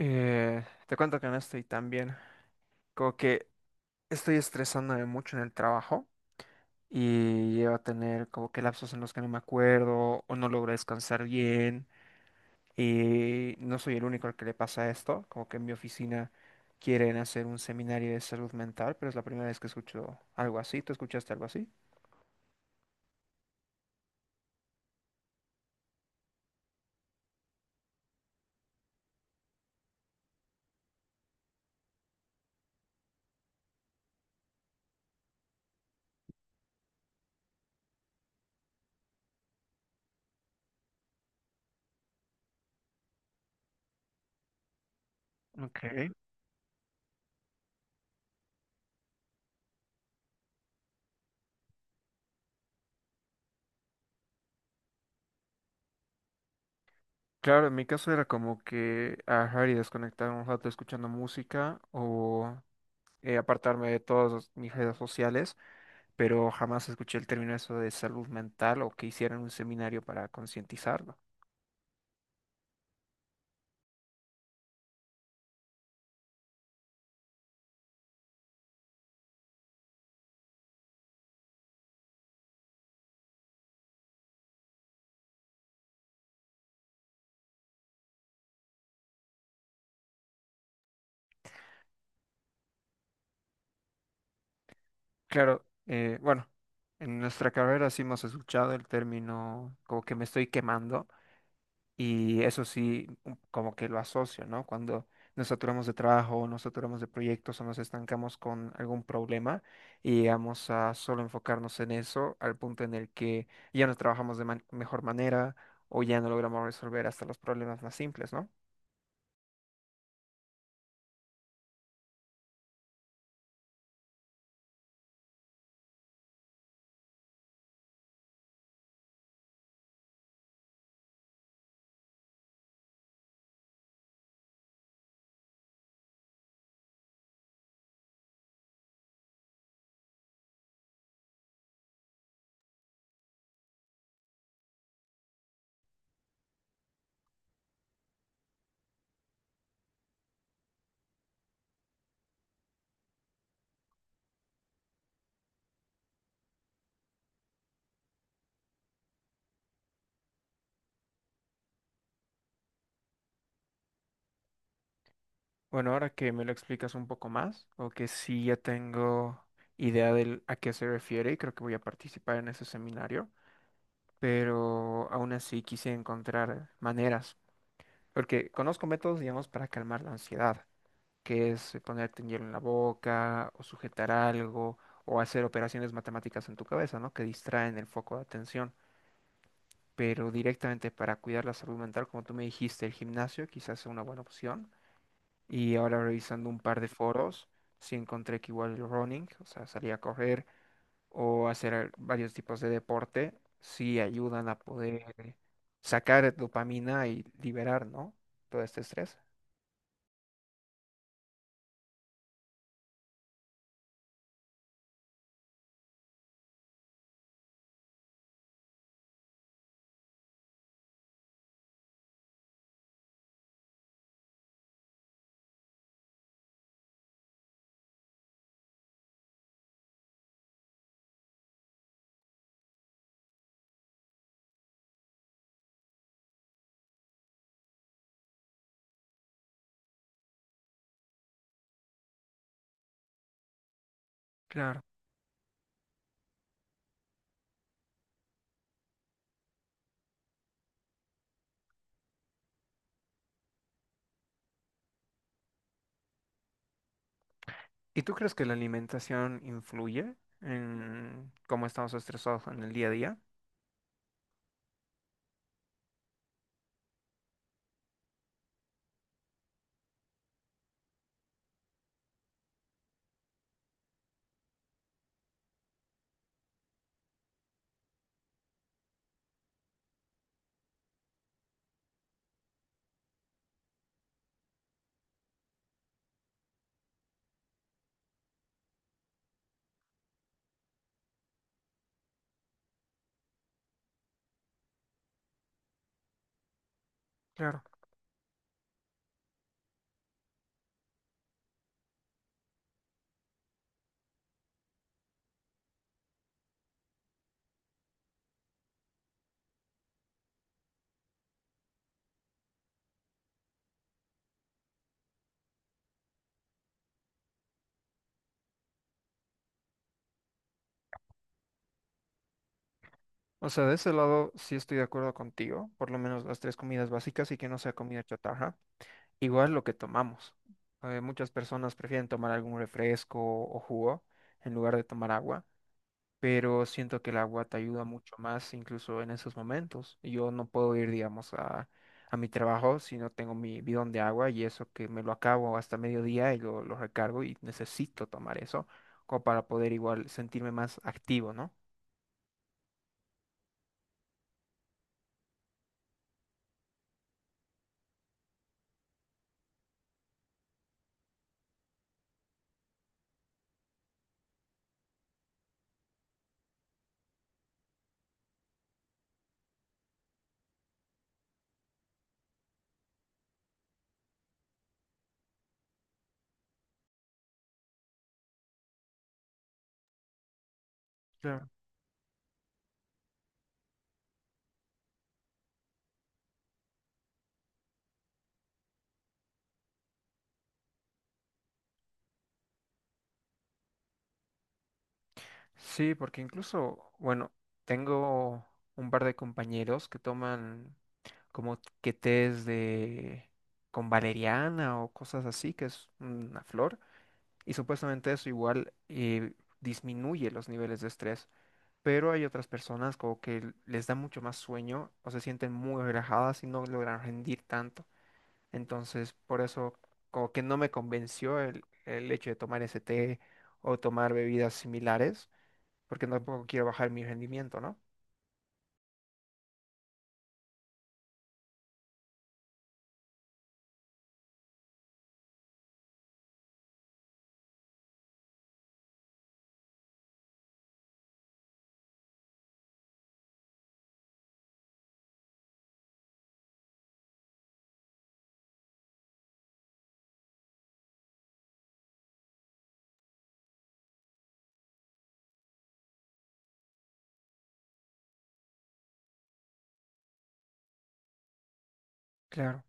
Eh, Te cuento que no estoy tan bien. Como que estoy estresándome mucho en el trabajo y llevo a tener como que lapsos en los que no me acuerdo o no logro descansar bien. Y no soy el único al que le pasa esto. Como que en mi oficina quieren hacer un seminario de salud mental, pero es la primera vez que escucho algo así. ¿Tú escuchaste algo así? Okay. Claro, en mi caso era como que agarrar y desconectar un rato escuchando música o apartarme de todas mis redes sociales, pero jamás escuché el término eso de salud mental o que hicieran un seminario para concientizarlo. Claro, bueno, en nuestra carrera sí hemos escuchado el término como que me estoy quemando y eso sí como que lo asocio, ¿no? Cuando nos saturamos de trabajo, nos saturamos de proyectos o nos estancamos con algún problema y llegamos a solo enfocarnos en eso al punto en el que ya no trabajamos de mejor manera o ya no logramos resolver hasta los problemas más simples, ¿no? Bueno, ahora que me lo explicas un poco más, o que sí ya tengo idea de a qué se refiere, y creo que voy a participar en ese seminario, pero aún así quise encontrar maneras, porque conozco métodos, digamos, para calmar la ansiedad, que es ponerte hielo en la boca o sujetar algo o hacer operaciones matemáticas en tu cabeza, ¿no? Que distraen el foco de atención, pero directamente para cuidar la salud mental, como tú me dijiste, el gimnasio quizás sea una buena opción. Y ahora revisando un par de foros, sí encontré que igual el running, o sea, salir a correr o hacer varios tipos de deporte, sí ayudan a poder sacar dopamina y liberar, ¿no? Todo este estrés. Claro. ¿Y tú crees que la alimentación influye en cómo estamos estresados en el día a día? Claro. O sea, de ese lado sí estoy de acuerdo contigo, por lo menos las tres comidas básicas y que no sea comida chatarra. Igual lo que tomamos. Muchas personas prefieren tomar algún refresco o jugo en lugar de tomar agua, pero siento que el agua te ayuda mucho más incluso en esos momentos. Yo no puedo ir, digamos, a mi trabajo si no tengo mi bidón de agua, y eso que me lo acabo hasta mediodía y lo recargo y necesito tomar eso como para poder igual sentirme más activo, ¿no? Sí, porque incluso, bueno, tengo un par de compañeros que toman como que tés de con valeriana o cosas así, que es una flor, y supuestamente eso igual disminuye los niveles de estrés. Pero hay otras personas como que les da mucho más sueño o se sienten muy relajadas y no logran rendir tanto. Entonces, por eso como que no me convenció el hecho de tomar ese té o tomar bebidas similares, porque tampoco quiero bajar mi rendimiento, ¿no? Claro.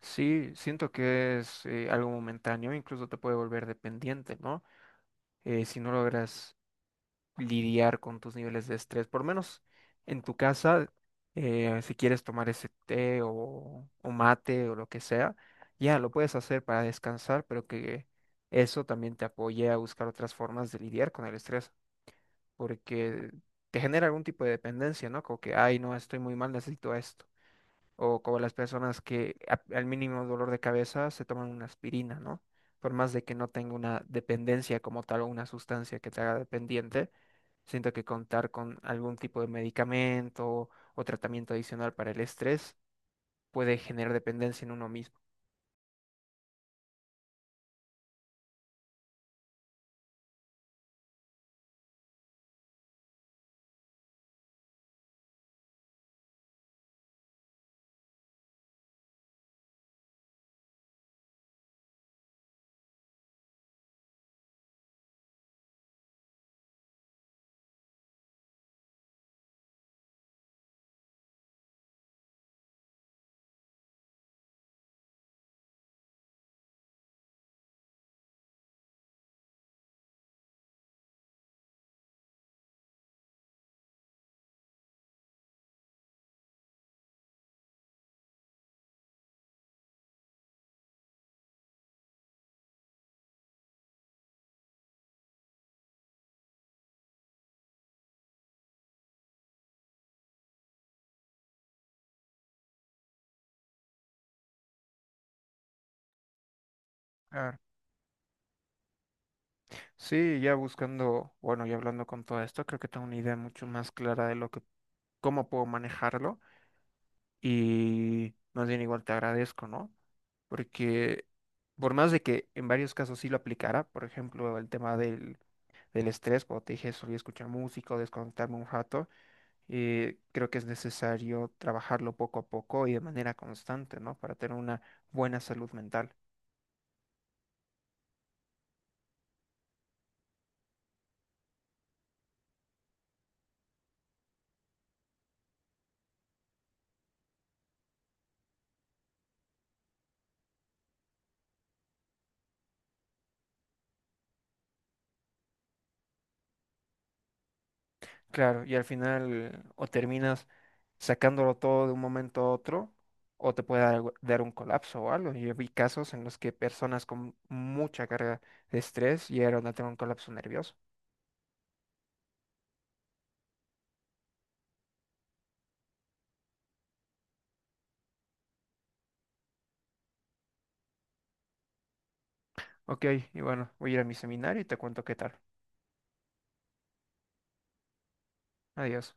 Sí, siento que es algo momentáneo, incluso te puede volver dependiente, ¿no? Si no logras lidiar con tus niveles de estrés, por menos en tu casa, si quieres tomar ese té o mate o lo que sea, ya lo puedes hacer para descansar, pero que eso también te apoye a buscar otras formas de lidiar con el estrés, porque te genera algún tipo de dependencia, ¿no? Como que, ay, no, estoy muy mal, necesito esto. O como las personas que al mínimo dolor de cabeza se toman una aspirina, ¿no? Por más de que no tenga una dependencia como tal o una sustancia que te haga dependiente, siento que contar con algún tipo de medicamento o tratamiento adicional para el estrés puede generar dependencia en uno mismo. Claro. Sí, ya buscando, bueno, y hablando con todo esto, creo que tengo una idea mucho más clara de lo que, cómo puedo manejarlo, y más bien igual te agradezco, ¿no? Porque por más de que en varios casos sí lo aplicara, por ejemplo, el tema del estrés, cuando te dije solía escuchar música o desconectarme un rato, creo que es necesario trabajarlo poco a poco y de manera constante, ¿no? Para tener una buena salud mental. Claro, y al final o terminas sacándolo todo de un momento a otro, o te puede dar, dar un colapso o algo. Yo vi casos en los que personas con mucha carga de estrés llegaron a tener un colapso nervioso. Ok, y bueno, voy a ir a mi seminario y te cuento qué tal. Adiós.